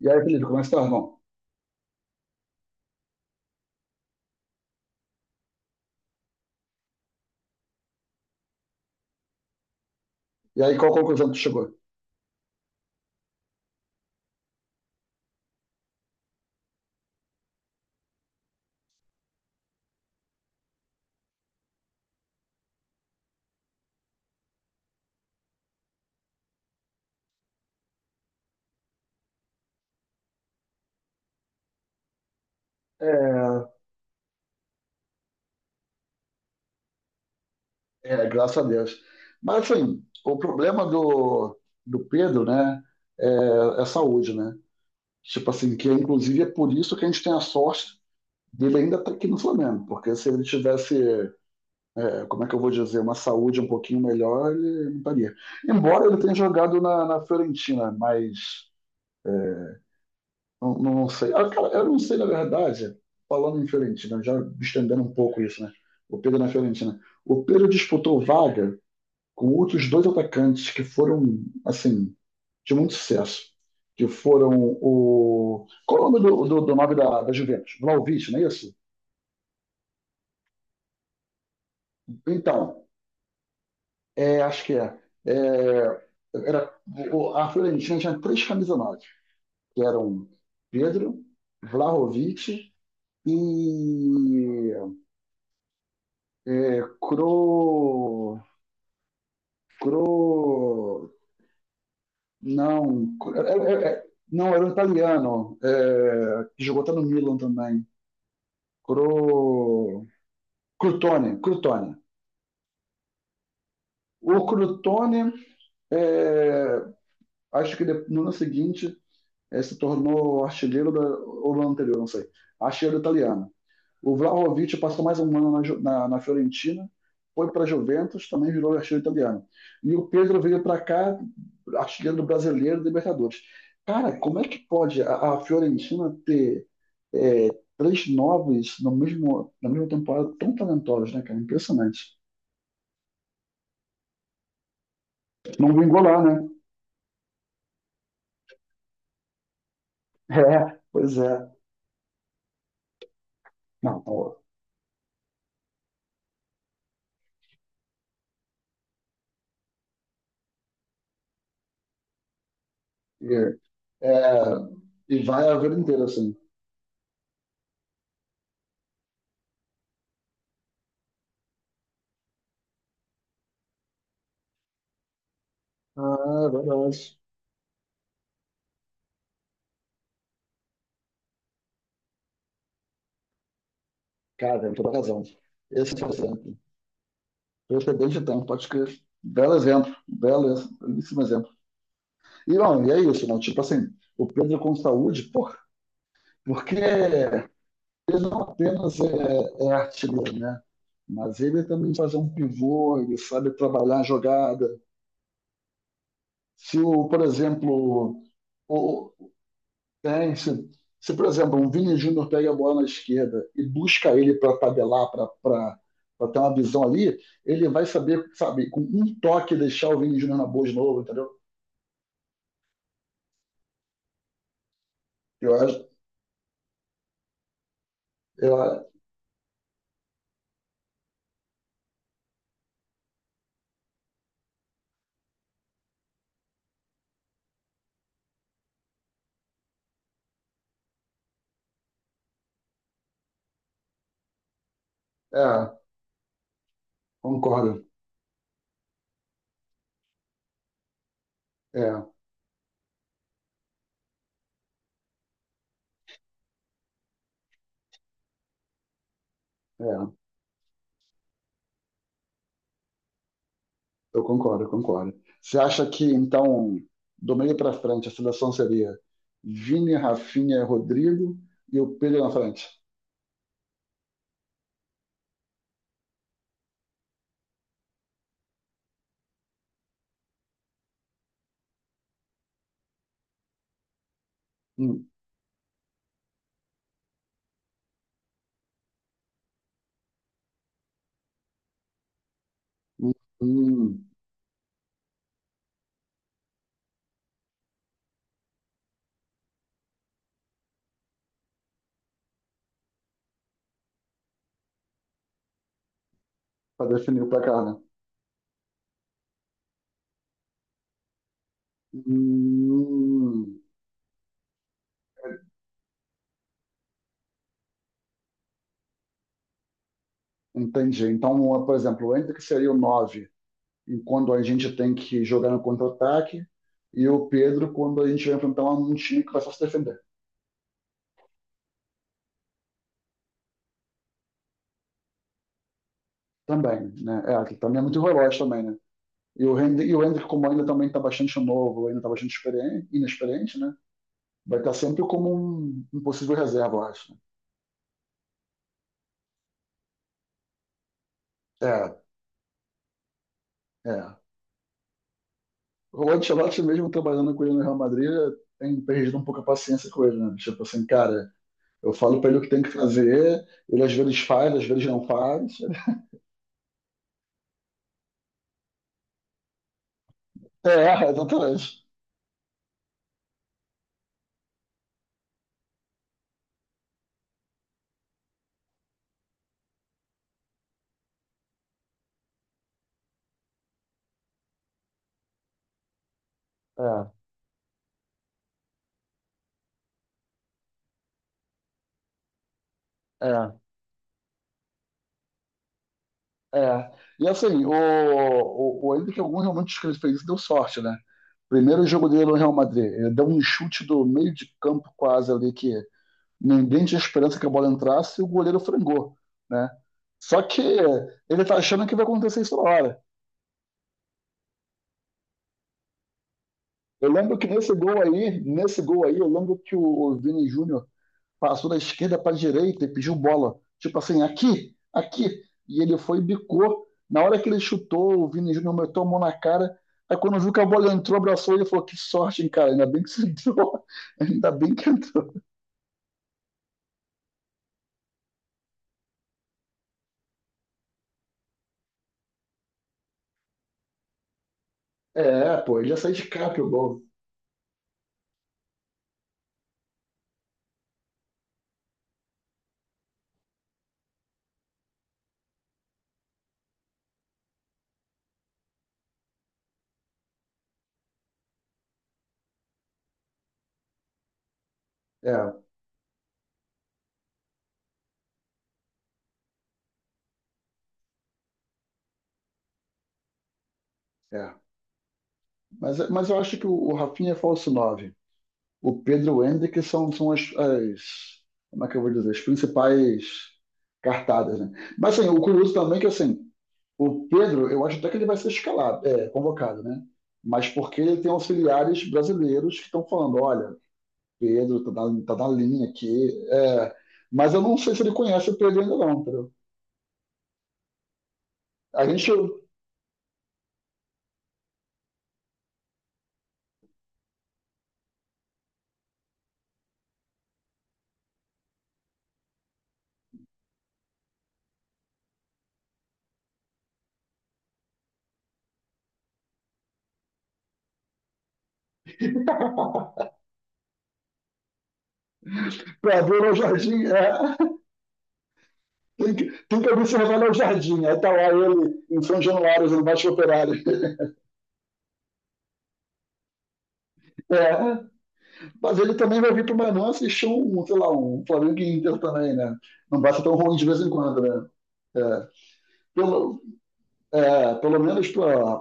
E aí, Felipe, como é que tá, irmão? E aí, qual conclusão que tu chegou? É, é, graças a Deus. Mas, assim, o problema do Pedro, né, é saúde, né? Tipo assim, que inclusive é por isso que a gente tem a sorte dele ainda estar aqui no Flamengo, porque se ele tivesse, como é que eu vou dizer, uma saúde um pouquinho melhor, ele não estaria. Embora ele tenha jogado na Fiorentina, mas não, não sei. Ah, cara, eu não sei, na verdade, falando em Fiorentina, já estendendo um pouco isso, né? O Pedro na Fiorentina. O Pedro disputou vaga com outros dois atacantes que foram, assim, de muito sucesso. Que foram o. Qual é o nome do nome da Juventus? Vlahovic, não é isso? Então, acho que é. É, era, a Fiorentina tinha três camisas nove, que eram Pedro, Vlahovic e É, cro... Cro... não. é- é- é- não, era um italiano. Que jogou até no Milan também. Cro... Crutone. O Crutone, é, acho que no ano seguinte, se tornou artilheiro da... Ou no ano anterior, não sei. Artilheiro italiano. O Vlahovic passou mais um ano na Fiorentina, foi para a Juventus, também virou artilheiro italiano. E o Pedro veio para cá, artilheiro do brasileiro, Libertadores. Cara, como é que pode a Fiorentina ter é, três novos no mesmo, na mesma temporada tão talentosos, né, cara? Impressionante. Não vem golar, né? É, pois é. Não, pô. E, é, é, e vai a vida inteira assim. Ah, é verdade. Cara, tem toda razão. Esse é o precedente então, pode crer. Belo exemplo, belo, belíssimo exemplo. E, não, e é isso, não, tipo assim, o Pedro com saúde, porra, porque ele não apenas é, artilheiro, né? Mas ele também faz um pivô, ele sabe trabalhar a jogada. Se, o, por exemplo, o, tem, se, por exemplo, um Vini Júnior pega a bola na esquerda e busca ele para tabelar, para ter uma visão ali, ele vai saber, sabe, com um toque deixar o Vini Júnior na boa de novo, entendeu? Eu acho, eu, a- é, concordo. É, é, eu concordo, eu concordo. Você acha que, então, do meio para frente, a seleção seria Vini, Rafinha, Rodrigo e o Pedro na frente? Hum, hum, hum, para definir o placar, né? Hum, entendi. Então, por exemplo, o Endrick seria o 9, enquanto a gente tem que jogar no contra-ataque, e o Pedro quando a gente vai enfrentar um time que vai só se defender. Também, né? É, que também é muito veloz também, né? E o Hendrick, como ainda também está bastante novo, ainda está bastante experiente, inexperiente, né? Vai estar sempre como um possível reserva, eu acho. Né? É, é. O Ancelotti mesmo trabalhando com ele no Real Madrid tem perdido um pouco a paciência com ele, né? Tipo assim, cara, eu falo para ele o que tem que fazer, ele às vezes faz, às vezes não faz. É, exatamente. É, é. É. E assim, o ainda que algum realmente dos que ele fez isso, deu sorte, né? Primeiro jogo dele no Real Madrid, ele deu um chute do meio de campo quase ali que ninguém tinha esperança que a bola entrasse e o goleiro frangou, né? Só que ele tá achando que vai acontecer isso na hora. Eu lembro que nesse gol aí, eu lembro que o Vini Júnior passou da esquerda para a direita e pediu bola. Tipo assim, aqui, aqui. E ele foi e bicou. Na hora que ele chutou, o Vini Júnior meteu a mão na cara. Aí quando viu que a bola entrou, abraçou ele e falou: que sorte, hein, cara? Ainda bem que você entrou. Ainda bem que entrou. É, pô, ele já saiu de capa o gol. É, é. Mas eu acho que o Rafinha é falso nove. O Pedro e o Hendrick são as. Como é que eu vou dizer? As principais cartadas, né? Mas assim, o curioso também é que assim, o Pedro, eu acho até que ele vai ser escalado, convocado, né? Mas porque ele tem auxiliares brasileiros que estão falando, olha, Pedro tá na, tá na linha aqui. É, mas eu não sei se ele conhece o Pedro ainda não, entendeu? A gente, para ver o Jardim, tem que observar o Jardim. Aí tá lá ele em São Januário, no Baixo Operário. É, mas ele também vai vir para o Manu assistir um, sei lá, um Flamengo e Inter também, né? Não basta tão ruim de vez em quando, né? É, pelo, pelo menos para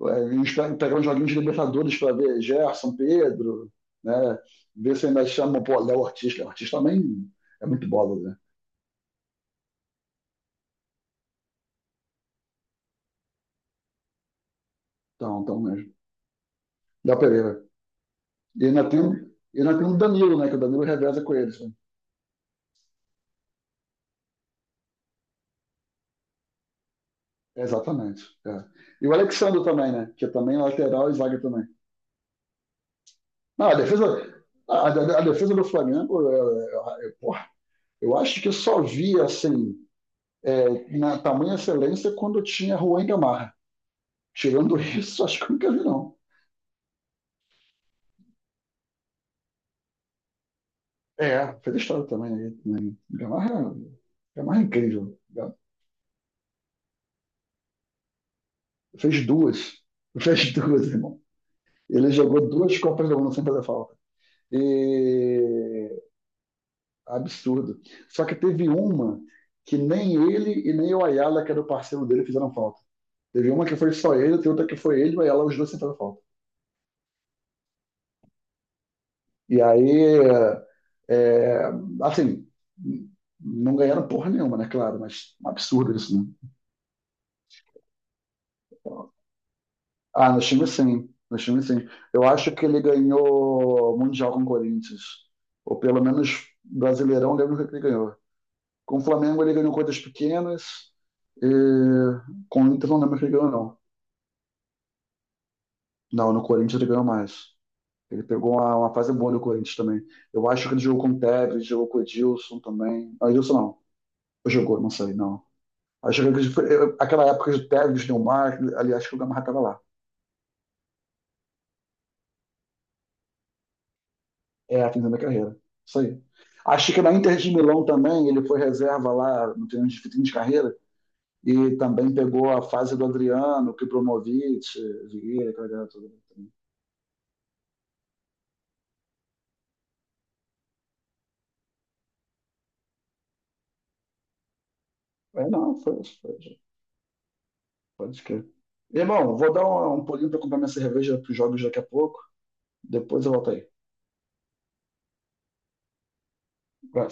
a gente pegar uns joguinhos de Libertadores para ver Gerson, Pedro, né? Ver se ainda chamam, pô, Léo Ortiz. Léo Ortiz também é muito bola, né? Então, então mesmo. Da Pereira. E ainda tem, um, e ainda tem o Danilo, né? Que o Danilo reveza com eles, né? É, exatamente. É. E o Alexandre também, né? Que é também é lateral e zaga também. Não, a defesa, a defesa do Flamengo, porra, eu acho que eu só vi assim, na tamanha excelência quando tinha Juan Gamarra. Tirando isso, acho que eu nunca vi, não. É, fez história também. Né? Também. Gamarra, Gamarra é incrível. Fez duas. Fez duas, irmão. Ele jogou duas Copas do Mundo sem fazer falta. E... Absurdo. Só que teve uma que nem ele e nem o Ayala, que era o parceiro dele, fizeram falta. Teve uma que foi só ele, tem outra que foi ele e o Ayala, os dois sem fazer falta. E aí, é, assim, não ganharam porra nenhuma, né? Claro, mas um absurdo isso, né? Ah, no time sim. No time sim. Eu acho que ele ganhou Mundial com o Corinthians. Ou pelo menos Brasileirão, lembro que ele ganhou. Com o Flamengo ele ganhou coisas pequenas. E com o Inter não lembro que ele ganhou, não. Não, no Corinthians ele ganhou mais. Ele pegou uma fase boa no Corinthians também. Eu acho que ele jogou com o Tevez, jogou com o Edilson também. Não, Edilson não. Ou jogou, não sei, não. Acho que aquela época de Tevez, Neymar, aliás, que o Gamarra estava lá. É, finalizando da carreira. Isso aí. Acho que na Inter de Milão também, ele foi reserva lá no treino de fim de carreira e também pegou a fase do Adriano, Kipromovic, Vieira, aquela galera toda. É, não, foi, pode crer. Irmão, vou dar um pulinho para comprar minha cerveja para os jogos daqui a pouco. Depois eu volto aí. Vai.